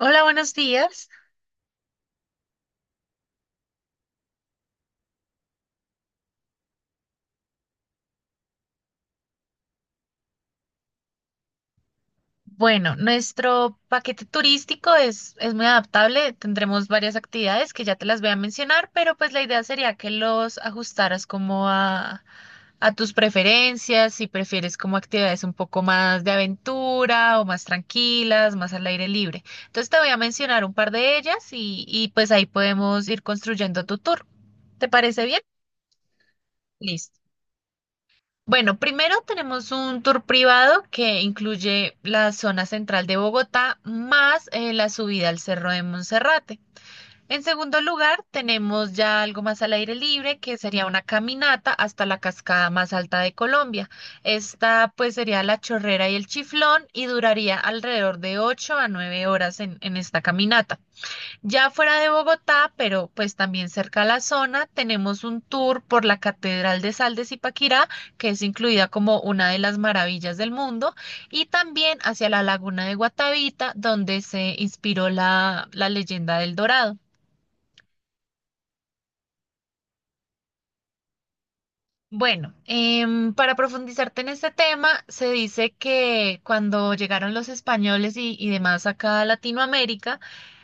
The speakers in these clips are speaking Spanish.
Hola, buenos días. Bueno, nuestro paquete turístico es muy adaptable. Tendremos varias actividades que ya te las voy a mencionar, pero pues la idea sería que los ajustaras como a tus preferencias, si prefieres como actividades un poco más de aventura o más tranquilas, más al aire libre. Entonces te voy a mencionar un par de ellas y pues ahí podemos ir construyendo tu tour. ¿Te parece bien? Listo. Bueno, primero tenemos un tour privado que incluye la zona central de Bogotá más la subida al Cerro de Monserrate. En segundo lugar, tenemos ya algo más al aire libre, que sería una caminata hasta la cascada más alta de Colombia. Esta pues sería la Chorrera y el Chiflón y duraría alrededor de 8 a 9 horas en esta caminata. Ya fuera de Bogotá, pero pues también cerca a la zona, tenemos un tour por la Catedral de Sal de Zipaquirá, que es incluida como una de las maravillas del mundo, y también hacia la Laguna de Guatavita, donde se inspiró la leyenda del Dorado. Bueno, para profundizarte en este tema, se dice que cuando llegaron los españoles y demás acá a Latinoamérica,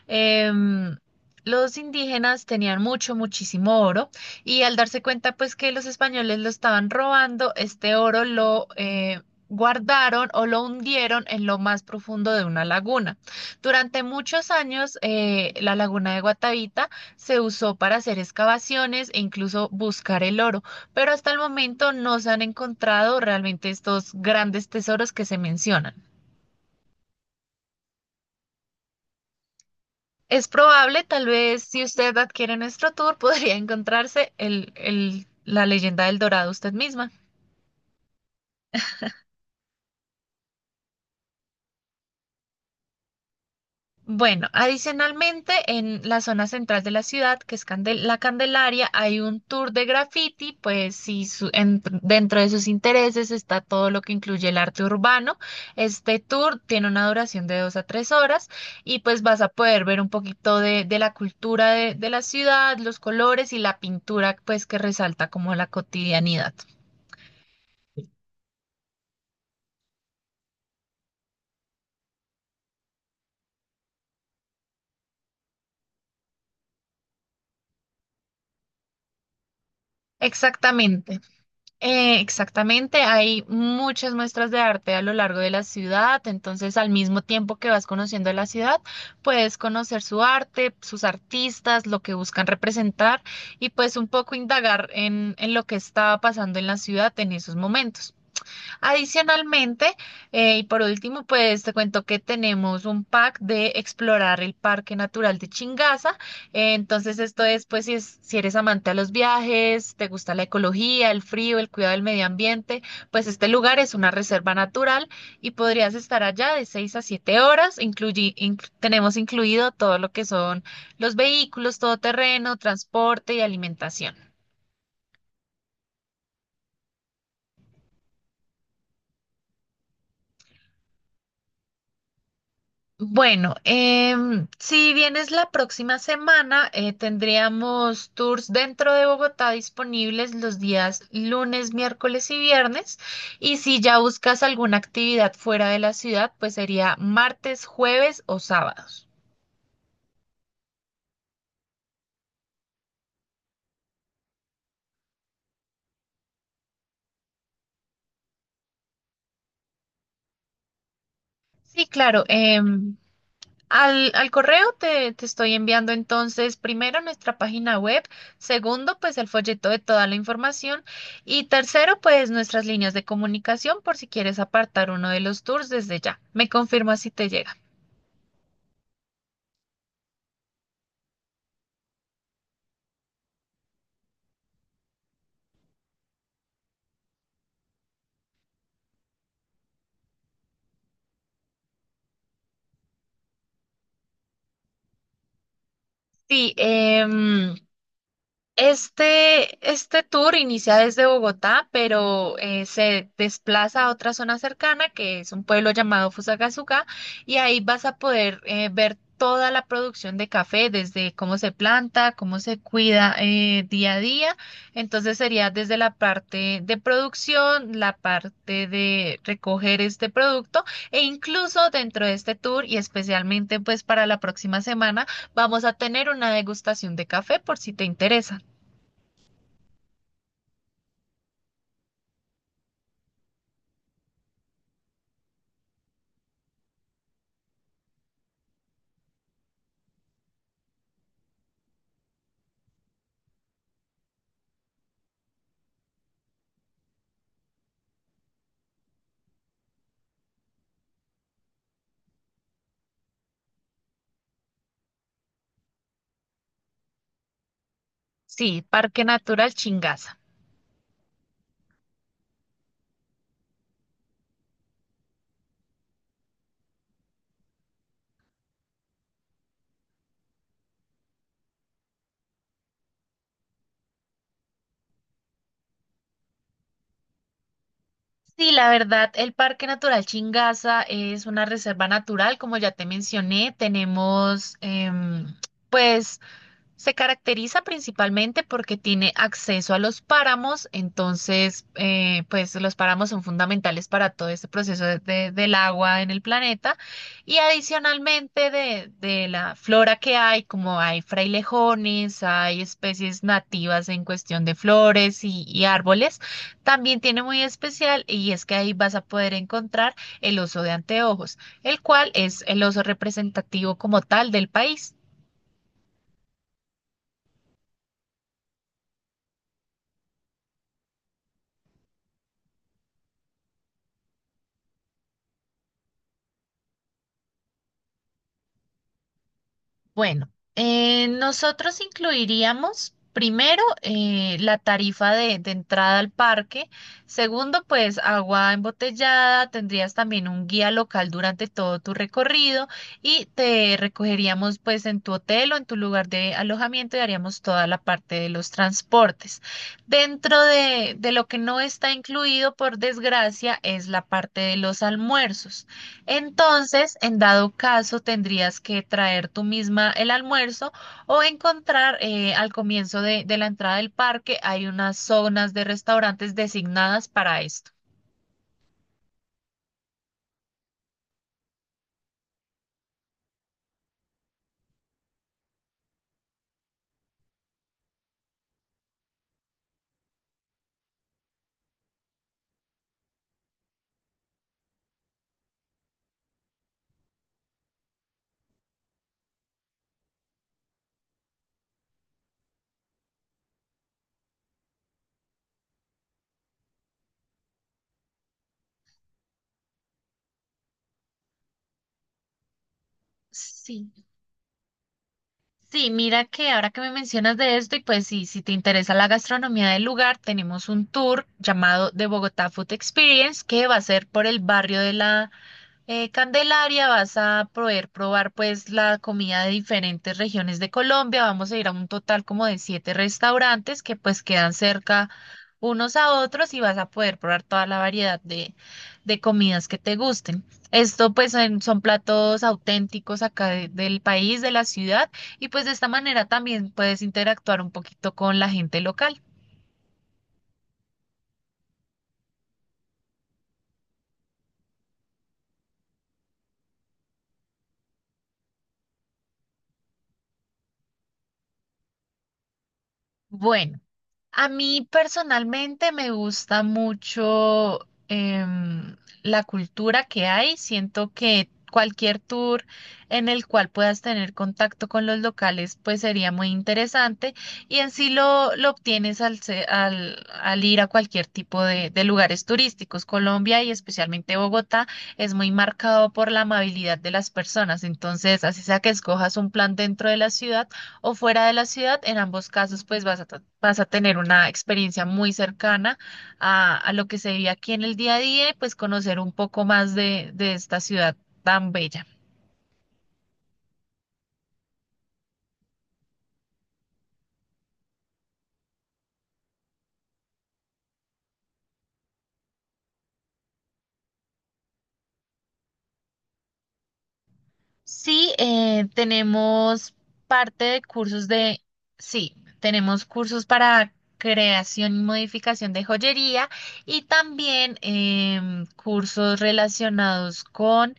em, los indígenas tenían mucho, muchísimo oro y al darse cuenta pues que los españoles lo estaban robando, este oro lo guardaron o lo hundieron en lo más profundo de una laguna. Durante muchos años, la laguna de Guatavita se usó para hacer excavaciones e incluso buscar el oro, pero hasta el momento no se han encontrado realmente estos grandes tesoros que se mencionan. Es probable, tal vez, si usted adquiere nuestro tour, podría encontrarse la leyenda del Dorado usted misma. Bueno, adicionalmente, en la zona central de la ciudad, que es la Candelaria, hay un tour de graffiti, pues sí, dentro de sus intereses está todo lo que incluye el arte urbano. Este tour tiene una duración de 2 a 3 horas y pues vas a poder ver un poquito de la cultura de la ciudad, los colores y la pintura, pues que resalta como la cotidianidad. Exactamente. Exactamente, hay muchas muestras de arte a lo largo de la ciudad, entonces al mismo tiempo que vas conociendo la ciudad, puedes conocer su arte, sus artistas, lo que buscan representar y pues un poco indagar en lo que está pasando en la ciudad en esos momentos. Adicionalmente, y por último, pues te cuento que tenemos un pack de explorar el Parque Natural de Chingaza. Entonces, esto es, pues, si eres amante a los viajes, te gusta la ecología, el frío, el cuidado del medio ambiente, pues este lugar es una reserva natural y podrías estar allá de 6 a 7 horas. Tenemos incluido todo lo que son los vehículos, todoterreno, transporte y alimentación. Bueno, si vienes la próxima semana, tendríamos tours dentro de Bogotá disponibles los días lunes, miércoles y viernes. Y si ya buscas alguna actividad fuera de la ciudad, pues sería martes, jueves o sábados. Sí, claro. Al correo te estoy enviando entonces, primero nuestra página web, segundo, pues el folleto de toda la información y tercero, pues nuestras líneas de comunicación, por si quieres apartar uno de los tours desde ya. Me confirma si te llega. Sí, este tour inicia desde Bogotá, pero se desplaza a otra zona cercana, que es un pueblo llamado Fusagasugá, y ahí vas a poder ver toda la producción de café, desde cómo se planta, cómo se cuida, día a día. Entonces sería desde la parte de producción, la parte de recoger este producto, e incluso dentro de este tour, y especialmente pues para la próxima semana, vamos a tener una degustación de café por si te interesa. Sí, Parque Natural Chingaza. Sí, la verdad, el Parque Natural Chingaza es una reserva natural, como ya te mencioné. Tenemos, pues, se caracteriza principalmente porque tiene acceso a los páramos, entonces, pues los páramos son fundamentales para todo este proceso del agua en el planeta y adicionalmente de la flora que hay, como hay frailejones, hay especies nativas en cuestión de flores y árboles, también tiene muy especial, y es que ahí vas a poder encontrar el oso de anteojos, el cual es el oso representativo como tal del país. Bueno, nosotros incluiríamos primero la tarifa de entrada al parque, segundo pues agua embotellada, tendrías también un guía local durante todo tu recorrido y te recogeríamos pues en tu hotel o en tu lugar de alojamiento y haríamos toda la parte de los transportes. Dentro de lo que no está incluido, por desgracia, es la parte de los almuerzos. Entonces, en dado caso, tendrías que traer tú misma el almuerzo o encontrar, al comienzo de la entrada del parque, hay unas zonas de restaurantes designadas para esto. Sí. Sí, mira que ahora que me mencionas de esto, y pues sí, si te interesa la gastronomía del lugar, tenemos un tour llamado The Bogotá Food Experience que va a ser por el barrio de la Candelaria, vas a poder probar pues la comida de diferentes regiones de Colombia. Vamos a ir a un total como de 7 restaurantes que pues quedan cerca unos a otros, y vas a poder probar toda la variedad de comidas que te gusten. Esto pues son platos auténticos acá del país, de la ciudad, y pues de esta manera también puedes interactuar un poquito con la gente local. Bueno, a mí personalmente me gusta mucho, em, la cultura que hay. Siento que cualquier tour en el cual puedas tener contacto con los locales pues sería muy interesante, y en sí lo obtienes al ir a cualquier tipo de lugares turísticos. Colombia y especialmente Bogotá es muy marcado por la amabilidad de las personas. Entonces, así sea que escojas un plan dentro de la ciudad o fuera de la ciudad, en ambos casos pues vas a tener una experiencia muy cercana a lo que se vive aquí en el día a día y pues conocer un poco más de esta ciudad tan bella. Sí, tenemos parte de cursos de, sí, tenemos cursos para creación y modificación de joyería y también cursos relacionados con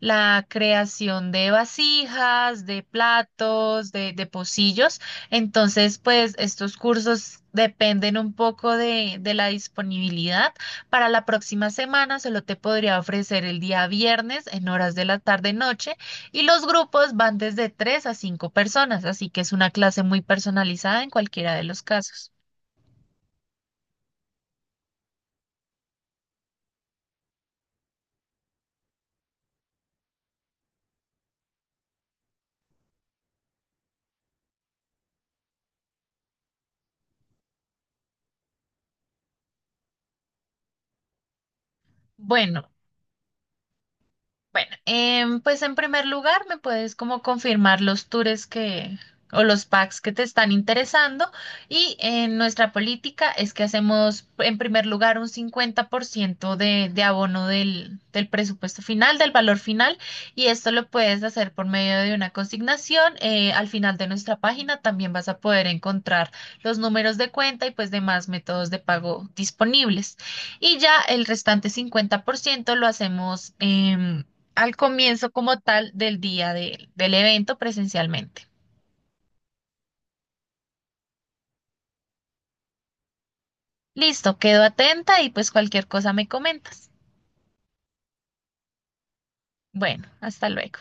la creación de vasijas, de platos, de pocillos. Entonces, pues estos cursos dependen un poco de la disponibilidad. Para la próxima semana solo te podría ofrecer el día viernes en horas de la tarde-noche, y los grupos van desde 3 a 5 personas, así que es una clase muy personalizada en cualquiera de los casos. Bueno. Bueno, pues en primer lugar me puedes como confirmar los tours que o los packs que te están interesando, y en nuestra política es que hacemos en primer lugar un 50% de abono del presupuesto final, del valor final, y esto lo puedes hacer por medio de una consignación. Al final de nuestra página también vas a poder encontrar los números de cuenta y pues demás métodos de pago disponibles. Y ya el restante 50% lo hacemos, al comienzo como tal del día del evento, presencialmente. Listo, quedo atenta y pues cualquier cosa me comentas. Bueno, hasta luego.